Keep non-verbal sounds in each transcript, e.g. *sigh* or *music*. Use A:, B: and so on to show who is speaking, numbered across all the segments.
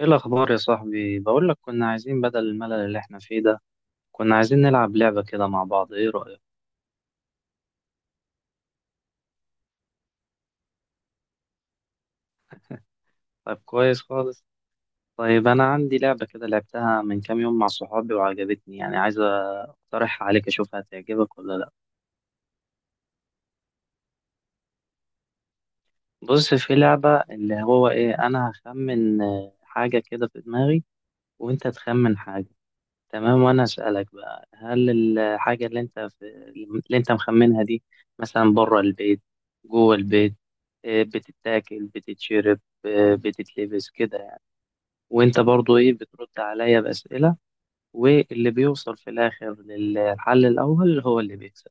A: ايه الاخبار يا صاحبي؟ بقول لك كنا عايزين بدل الملل اللي احنا فيه ده، كنا عايزين نلعب لعبة كده مع بعض. ايه رأيك؟ طيب، كويس خالص. طيب، انا عندي لعبة كده لعبتها من كام يوم مع صحابي وعجبتني، يعني عايز اقترحها عليك، اشوف هتعجبك ولا لا. بص، في لعبة اللي هو ايه، انا هخمن حاجة كده في دماغي، وانت تخمن حاجة. تمام، وانا اسالك بقى، هل الحاجه اللي انت مخمنها دي، مثلا بره البيت، جوه البيت، بتتاكل، بتتشرب، بتتلبس، كده يعني. وانت برضو ايه، بترد عليا باسئله، واللي بيوصل في الاخر للحل الاول هو اللي بيكسب.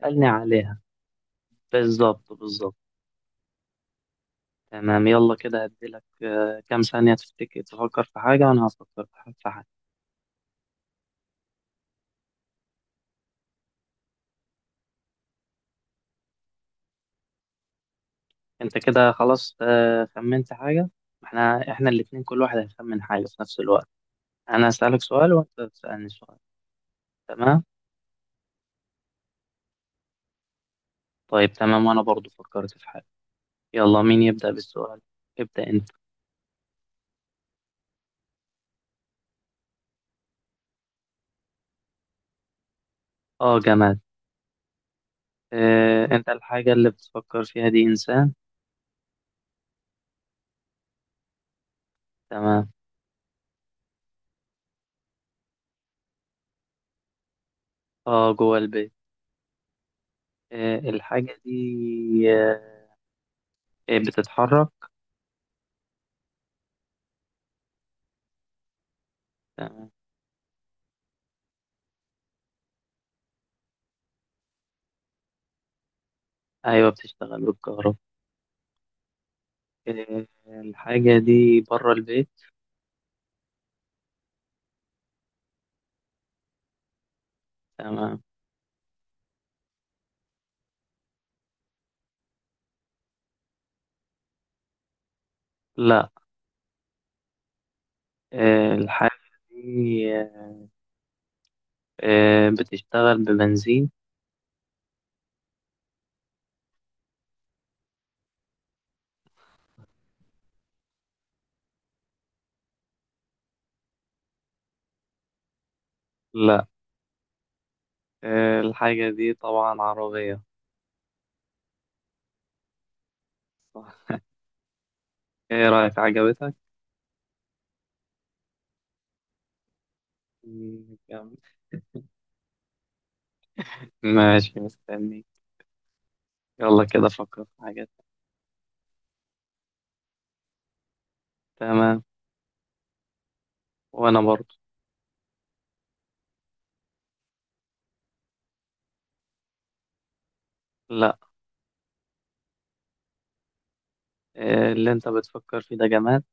A: اسالني عليها. بالظبط، بالظبط. تمام، يلا كده هديلك كام ثانيه تفتكر، تفكر في حاجه وانا هفكر في حاجه. انت كده خلاص، خمنت حاجة. احنا الاتنين كل واحد هيخمن حاجة في نفس الوقت. انا هسألك سؤال وانت تسألني سؤال. تمام. طيب، تمام، وانا برضو فكرت في حاجة. يلا، مين يبدأ بالسؤال؟ ابدأ انت. اه، جماد. اه، انت الحاجة اللي بتفكر فيها دي انسان؟ تمام. اه، جوه البيت. اه، الحاجة دي، اه بتتحرك. تمام. ايوه، بتشتغل بالكهرباء. اه، الحاجة دي بره البيت. تمام. لا. اه، الحاجة دي بتشتغل ببنزين. لا. الحاجة دي طبعا عربية. صح. ايه رأيك، عجبتك؟ مم، جامد. ماشي، مستني. يلا كده فكر في حاجات. تمام. وانا برضو. لا. اللي انت بتفكر فيه ده جماد.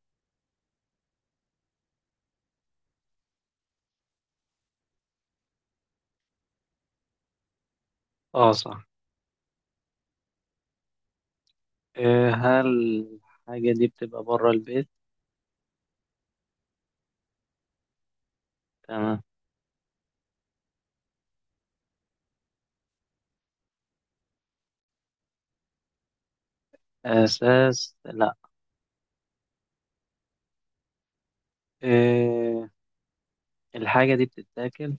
A: اه، صح. هل الحاجة دي بتبقى بره البيت؟ تمام. اساس، لا. آه، الحاجة دي بتتاكل؟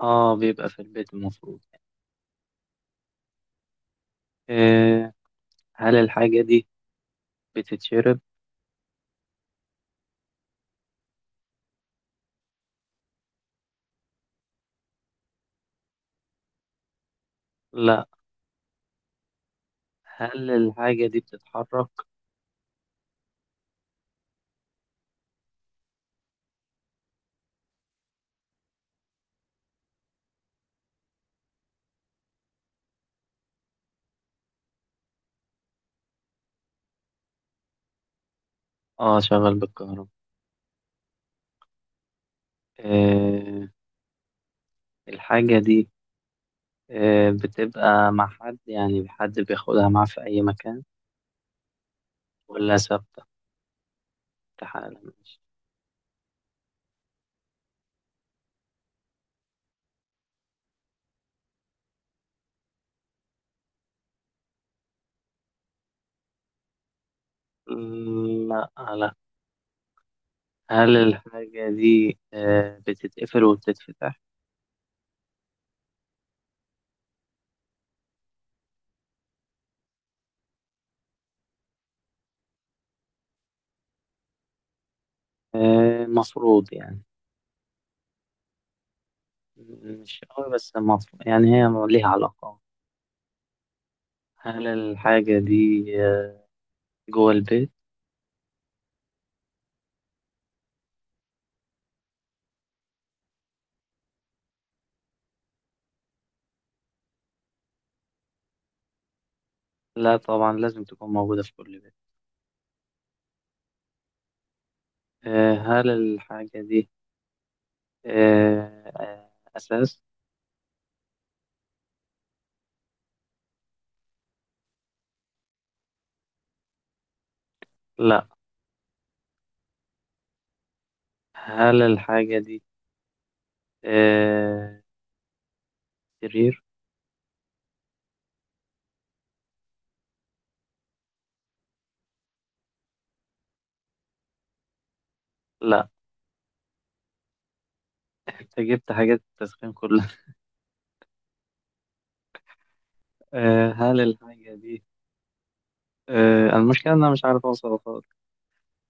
A: اه، بيبقى في البيت المفروض. آه، هل الحاجة دي بتتشرب؟ لا. هل الحاجة دي بتتحرك؟ اه، شغال بالكهرباء. آه الحاجة دي بتبقى مع حد، يعني حد بياخدها معاه في أي مكان، ولا ثابتة؟ في حالة ماشي. مم، لا. لا. هل الحاجة دي بتتقفل وبتتفتح؟ آه مفروض يعني. مش قوي بس مفروض يعني، هي ليها علاقة. هل الحاجة دي جوه البيت؟ لا، طبعا لازم تكون موجودة في كل بيت. هل الحاجة دي آه، آه، أساس؟ لا. هل الحاجة دي آه، سرير؟ لا. أنت جبت حاجات التسخين كلها. *laughs* آه، هل الحاجة دي آه، المشكلة إن أنا مش عارف أوصل خالص.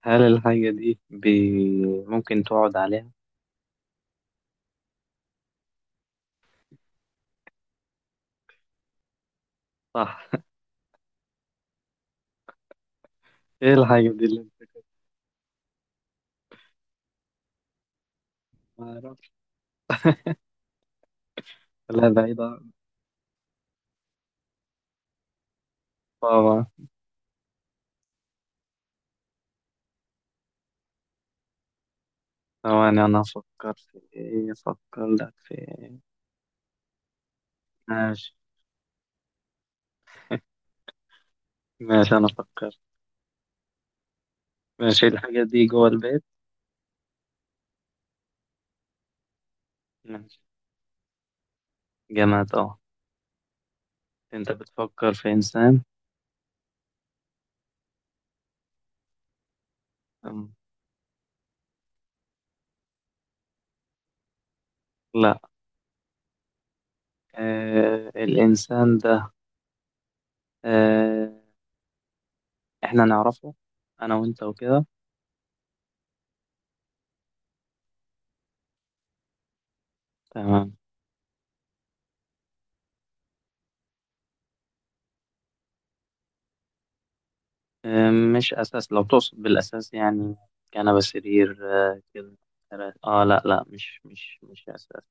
A: هل الحاجة دي ممكن تقعد عليها؟ صح. *laughs* إيه الحاجة دي اللي أنت ما أعرفش. لا، بعيدة. طبعا. ثواني، أنا أفكر لك في إيه. ماشي. ماشي، أنا أفكر. ماشي، الحاجة دي جوه البيت؟ ماشي. جامد، أه. أنت بتفكر في إنسان؟ أم، لا. آه، الإنسان ده آه إحنا نعرفه، أنا وأنت وكده؟ تمام. آه، مش أساس لو تقصد بالأساس، يعني كنبة، سرير. آه، كده، كراسي. آه، لا، لا، مش أساس.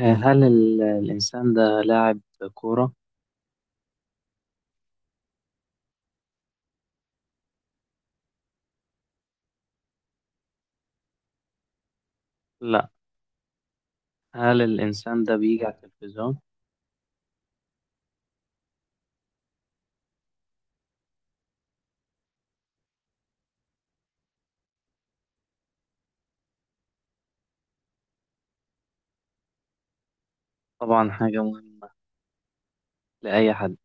A: هل الإنسان ده لاعب كورة؟ لا. هل الإنسان ده بيجي على التلفزيون؟ طبعا، حاجة مهمة. لأي حد.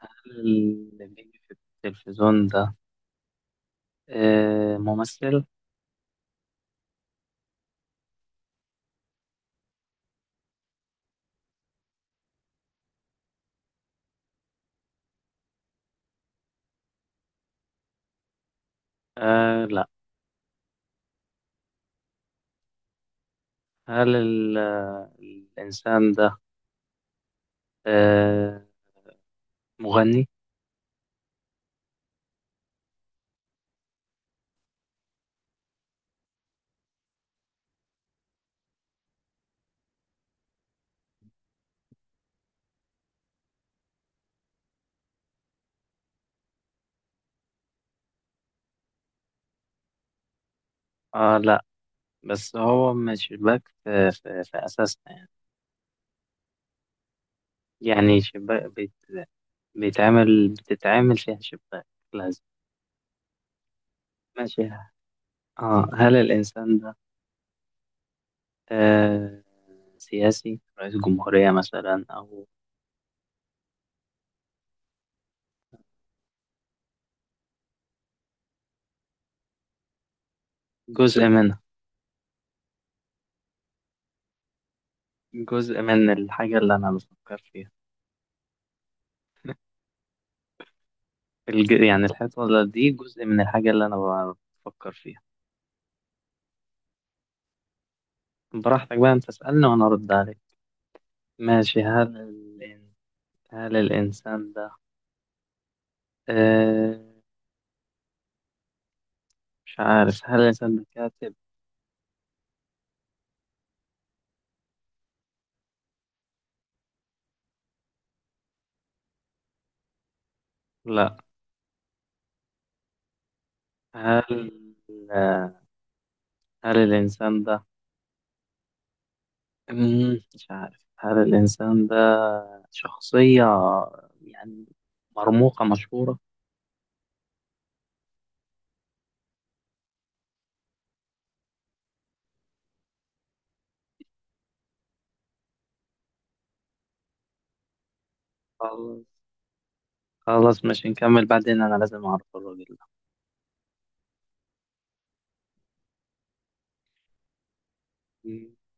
A: هل اللي بيجي في التلفزيون ده ممثل؟ آه، لا. هل الإنسان ده آه، مغني؟ آه، لا. بس هو مش شباك، في أساسنا يعني. يعني شباك بيت بيتعمل، بتتعامل فيها شباك لازم. ماشي. هل الإنسان ده آه سياسي، رئيس جمهورية مثلا، أو جزء منها؟ جزء من الحاجة اللي أنا بفكر فيها. يعني الحيطة دي جزء من الحاجة اللي أنا بفكر فيها. براحتك بقى، أنت اسألني وأنا أرد عليك. ماشي. هل الإنسان ده آه... مش عارف، هل الإنسان ده كاتب؟ لا. هل آه، هل الإنسان ده مش عارف، هل الإنسان ده شخصية يعني مرموقة، مشهورة؟ خلاص. خلاص، مش نكمل بعدين، أنا لازم أعرف الراجل ده.